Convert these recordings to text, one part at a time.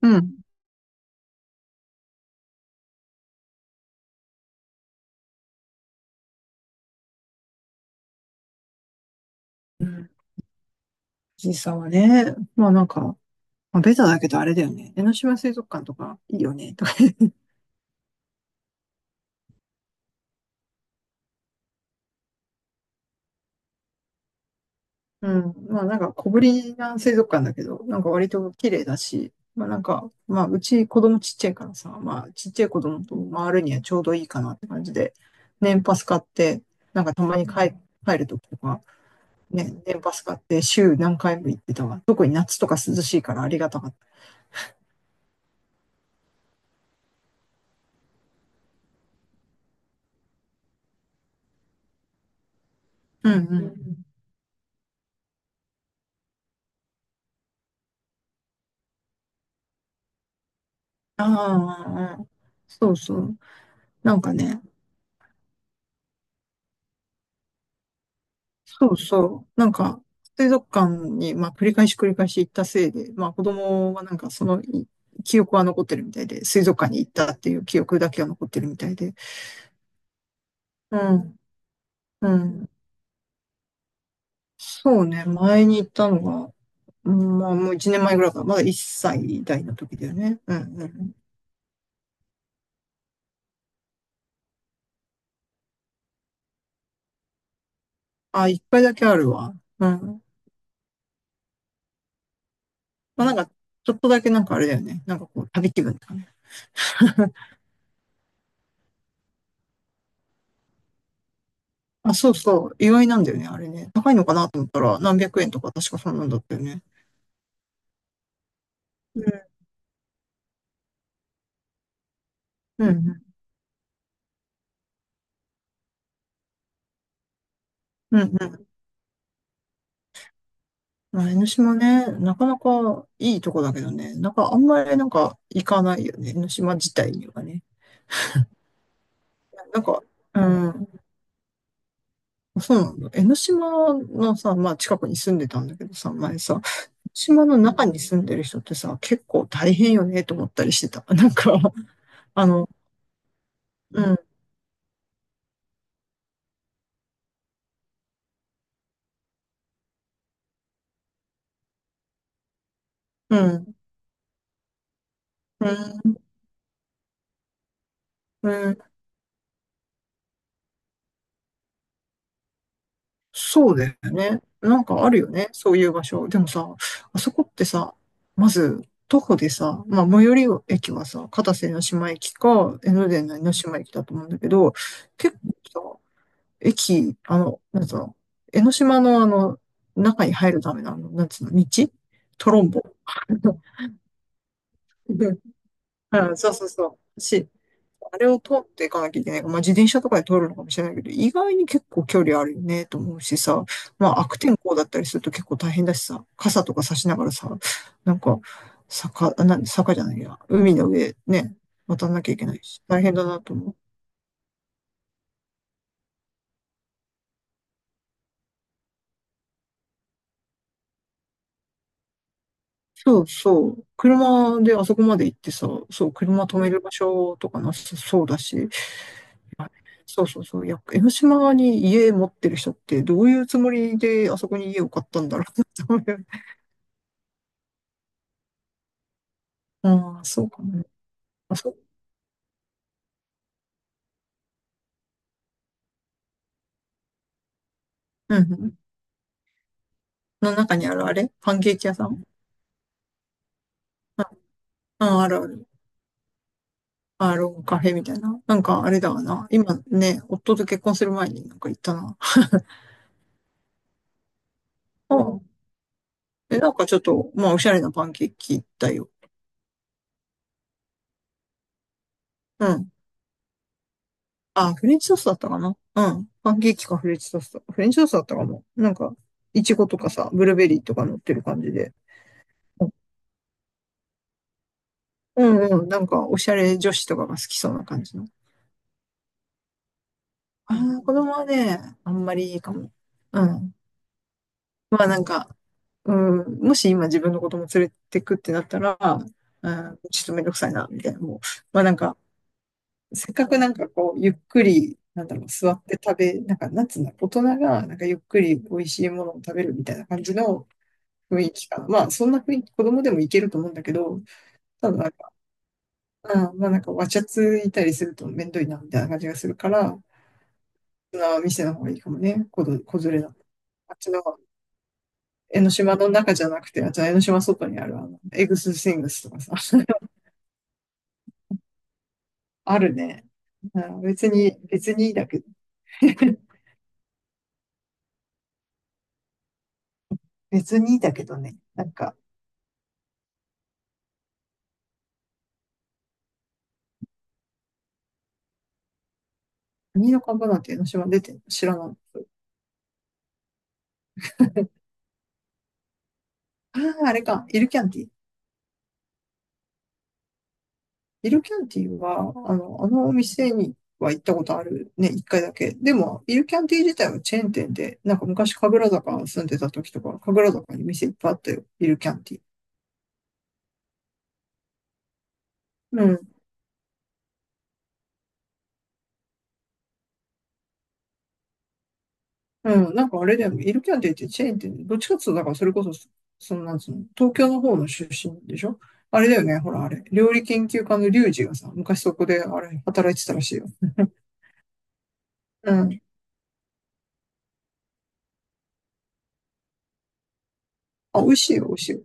うん。うん。藤沢はね、ベタだけどあれだよね。江ノ島水族館とかいいよね、とかね。うん。まあ小ぶりな水族館だけど、なんか割と綺麗だし、まあうち子供ちっちゃいからさ、まあちっちゃい子供と回るにはちょうどいいかなって感じで、年パス買って、なんかたまに帰、帰るときとか、ね、年パス買って週何回も行ってたわ。特に夏とか涼しいからありがたかった。うんうん。ああ、そうそう。なんかね、そうそう。なんか、水族館に、まあ、繰り返し繰り返し行ったせいで、まあ、子供はなんかそのい記憶は残ってるみたいで、水族館に行ったっていう記憶だけは残ってるみたいで。うん、うん。そうね、前に行ったのが、うんまあ、もう1年前ぐらいかな。まだ1歳代の時だよね。うん、うん。あ、一回だけあるわ。うん。まあ、なんか、ちょっとだけなんかあれだよね。なんかこう、旅気分とかね。あ、そうそう。意外なんだよね、あれね。高いのかなと思ったら、何百円とか確かそんなんだったよね。うん、うん、うん。うんまあ、江ノ島ね、なかなかいいとこだけどね、なんかあんまりなんか行かないよね、江ノ島自体にはね。なんか、うん、そうなんだ。江ノ島のさ、まあ近くに住んでたんだけどさ、前さ、江ノ島の中に住んでる人ってさ、結構大変よね、と思ったりしてた。あの、うん、うん、うん、うんそうだよね。なんかあるよね。そういう場所。でもさ、あそこってさ、まず、徒歩でさ、まあ、最寄り駅はさ、片瀬江島駅か、江ノ電の江ノ島駅だと思うんだけど、結構さ、駅、あの、なんつうの、江ノ島のあの、中に入るための、あの、なんつうの、道トロンボ。うんそうそうそう。し、あれを通っていかなきゃいけない。まあ、自転車とかで通るのかもしれないけど、意外に結構距離あるよね、と思うしさ。まあ、悪天候だったりすると結構大変だしさ、傘とか差しながらさ、なんか、坂、あなん坂じゃないや、海の上ね、渡んなきゃいけないし、大変だなと思う。そうそう。車であそこまで行ってさ、そう、車止める場所とかなさそうだし、そうそうそう。いや、江ノ島に家持ってる人ってどういうつもりであそこに家を買ったんだろうなって思うよね。ああ、そうかもね。あ、そう。うんうん。の中にあるあれパンケーキ屋さんあ、うん、あるある。アーロンカフェみたいな。なんかあれだわな。今ね、夫と結婚する前になんか行ったな。うん。え、なんかちょっと、まあおしゃれなパンケーキだよ。うん。あ、フレンチトーストだったかなうん。パンケーキかフレンチトースト。フレンチトーストだったかも。なんか、イチゴとかさ、ブルーベリーとか乗ってる感じで。うんうんうん。なんか、おしゃれ女子とかが好きそうな感じの。ああ、子供はね、あんまりいいかも。うん。まあなんか、うん、もし今自分の子供連れてくってなったら、うん、ちょっとめんどくさいな、みたいな。もう、まあなんか、せっかくなんかこう、ゆっくり、なんだろう、座って食べ、なんか、なんつうんだ、大人がなんかゆっくり美味しいものを食べるみたいな感じの雰囲気かな。まあ、そんな雰囲気、子供でもいけると思うんだけど、ただなんか、うん、わちゃついたりするとめんどいな、みたいな感じがするから、大人は店の方がいいかもね、子ど、子連れだと。あっちの江ノ島の中じゃなくて、あっちの江ノ島外にある、あの、エグスシングスとかさ。あるね。うん別に、別にいいだけど。別にいいだけどね。なんか、何の株なんて江ノ島出てんの知らない。ああ、あれか、イルキャンティ。イルキャンティは、あの、あのお店には行ったことあるね、一回だけ。でも、イルキャンティ自体はチェーン店で、なんか昔、神楽坂住んでた時とか、神楽坂に店いっぱいあったよ、イルキャンティ。うん。うん、なんかあれだよね。イルキャンティってチェーンってどっちかっていうと、だからそれこそ、そのなんつうの、東京の方の出身でしょ？あれだよね。ほら、あれ。料理研究家のリュウジがさ、昔そこで、あれ、働いてたらしいよ。うん。あ、美味しいよ、美味しいよ。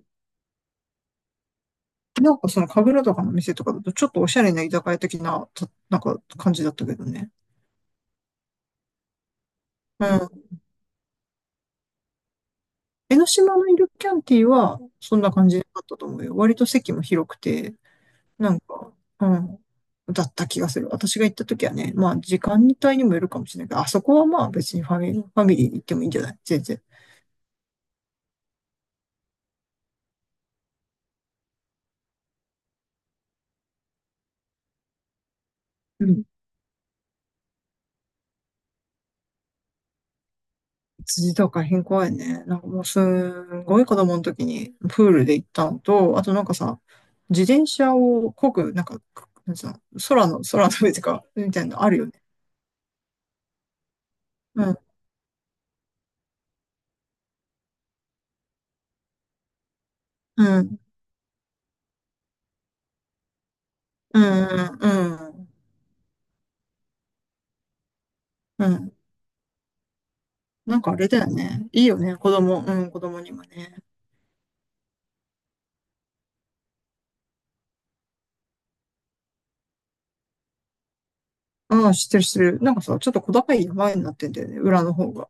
なんかその神楽とかの店とかだと、ちょっとおしゃれな居酒屋的な、たなんか感じだったけどね。うん。江ノ島のイルキャンティは、そんな感じだったと思うよ。割と席も広くて、なんか、うん、だった気がする。私が行った時はね、まあ時間帯にもよるかもしれないけど、あそこはまあ別にファミ、ファミリー行ってもいいんじゃない？全然。うん。辻とか変公園ね。なんかもうすんごい子供の時にプールで行ったのと、あとなんかさ、自転車を漕ぐ、なんか、なんつうの、空の、空の上とか、みたいなのあるよね。うん、うん、うん、うん、うん。なんかあれだよね。いいよね。子供、うん、子供にもね。うん、知ってる知ってる。なんかさ、ちょっと小高い山になってんだよね、裏の方が。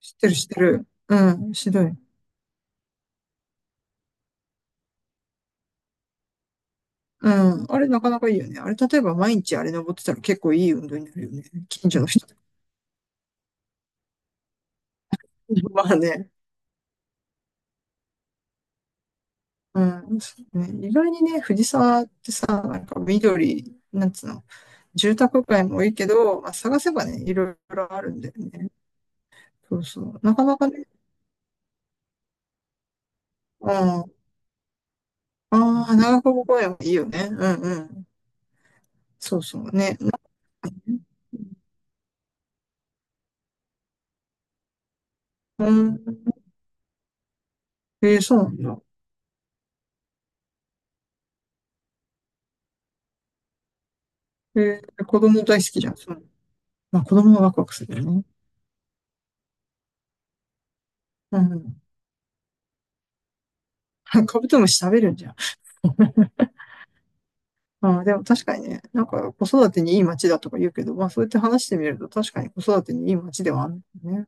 知ってる知ってる。うん、ひどい。うん、あれなかなかいいよね。あれ、例えば毎日あれ登ってたら結構いい運動になるよね。近所の人とか。まあね。うん、そうね。意外にね、藤沢ってさ、なんか緑、なんつうの、住宅街も多いけど、まあ、探せばね、いろいろあるんだよね。そうそう。なかなかね、うん。ああ、長久保公園もいいよね。うんうん。そうそうね。なうん。えー、そうなんだ。えー、子供大好きじゃん。そう。まあ子供はワクワクするよね。うん。カブトムシ食べるんじゃん。うん、でも確かにね、なんか子育てにいい街だとか言うけど、まあそうやって話してみると確かに子育てにいい街ではあるんだよね。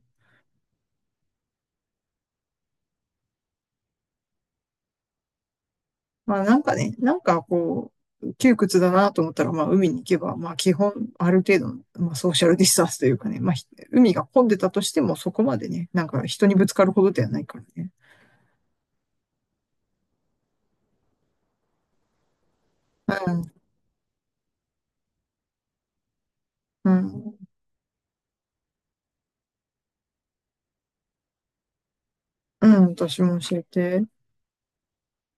まあなんかね、なんかこう、窮屈だなと思ったら、まあ海に行けば、まあ基本ある程度の、まあソーシャルディスタンスというかね、まあ海が混んでたとしてもそこまでね、なんか人にぶつかるほどではないからね。うん、うん、うん、私も教えて。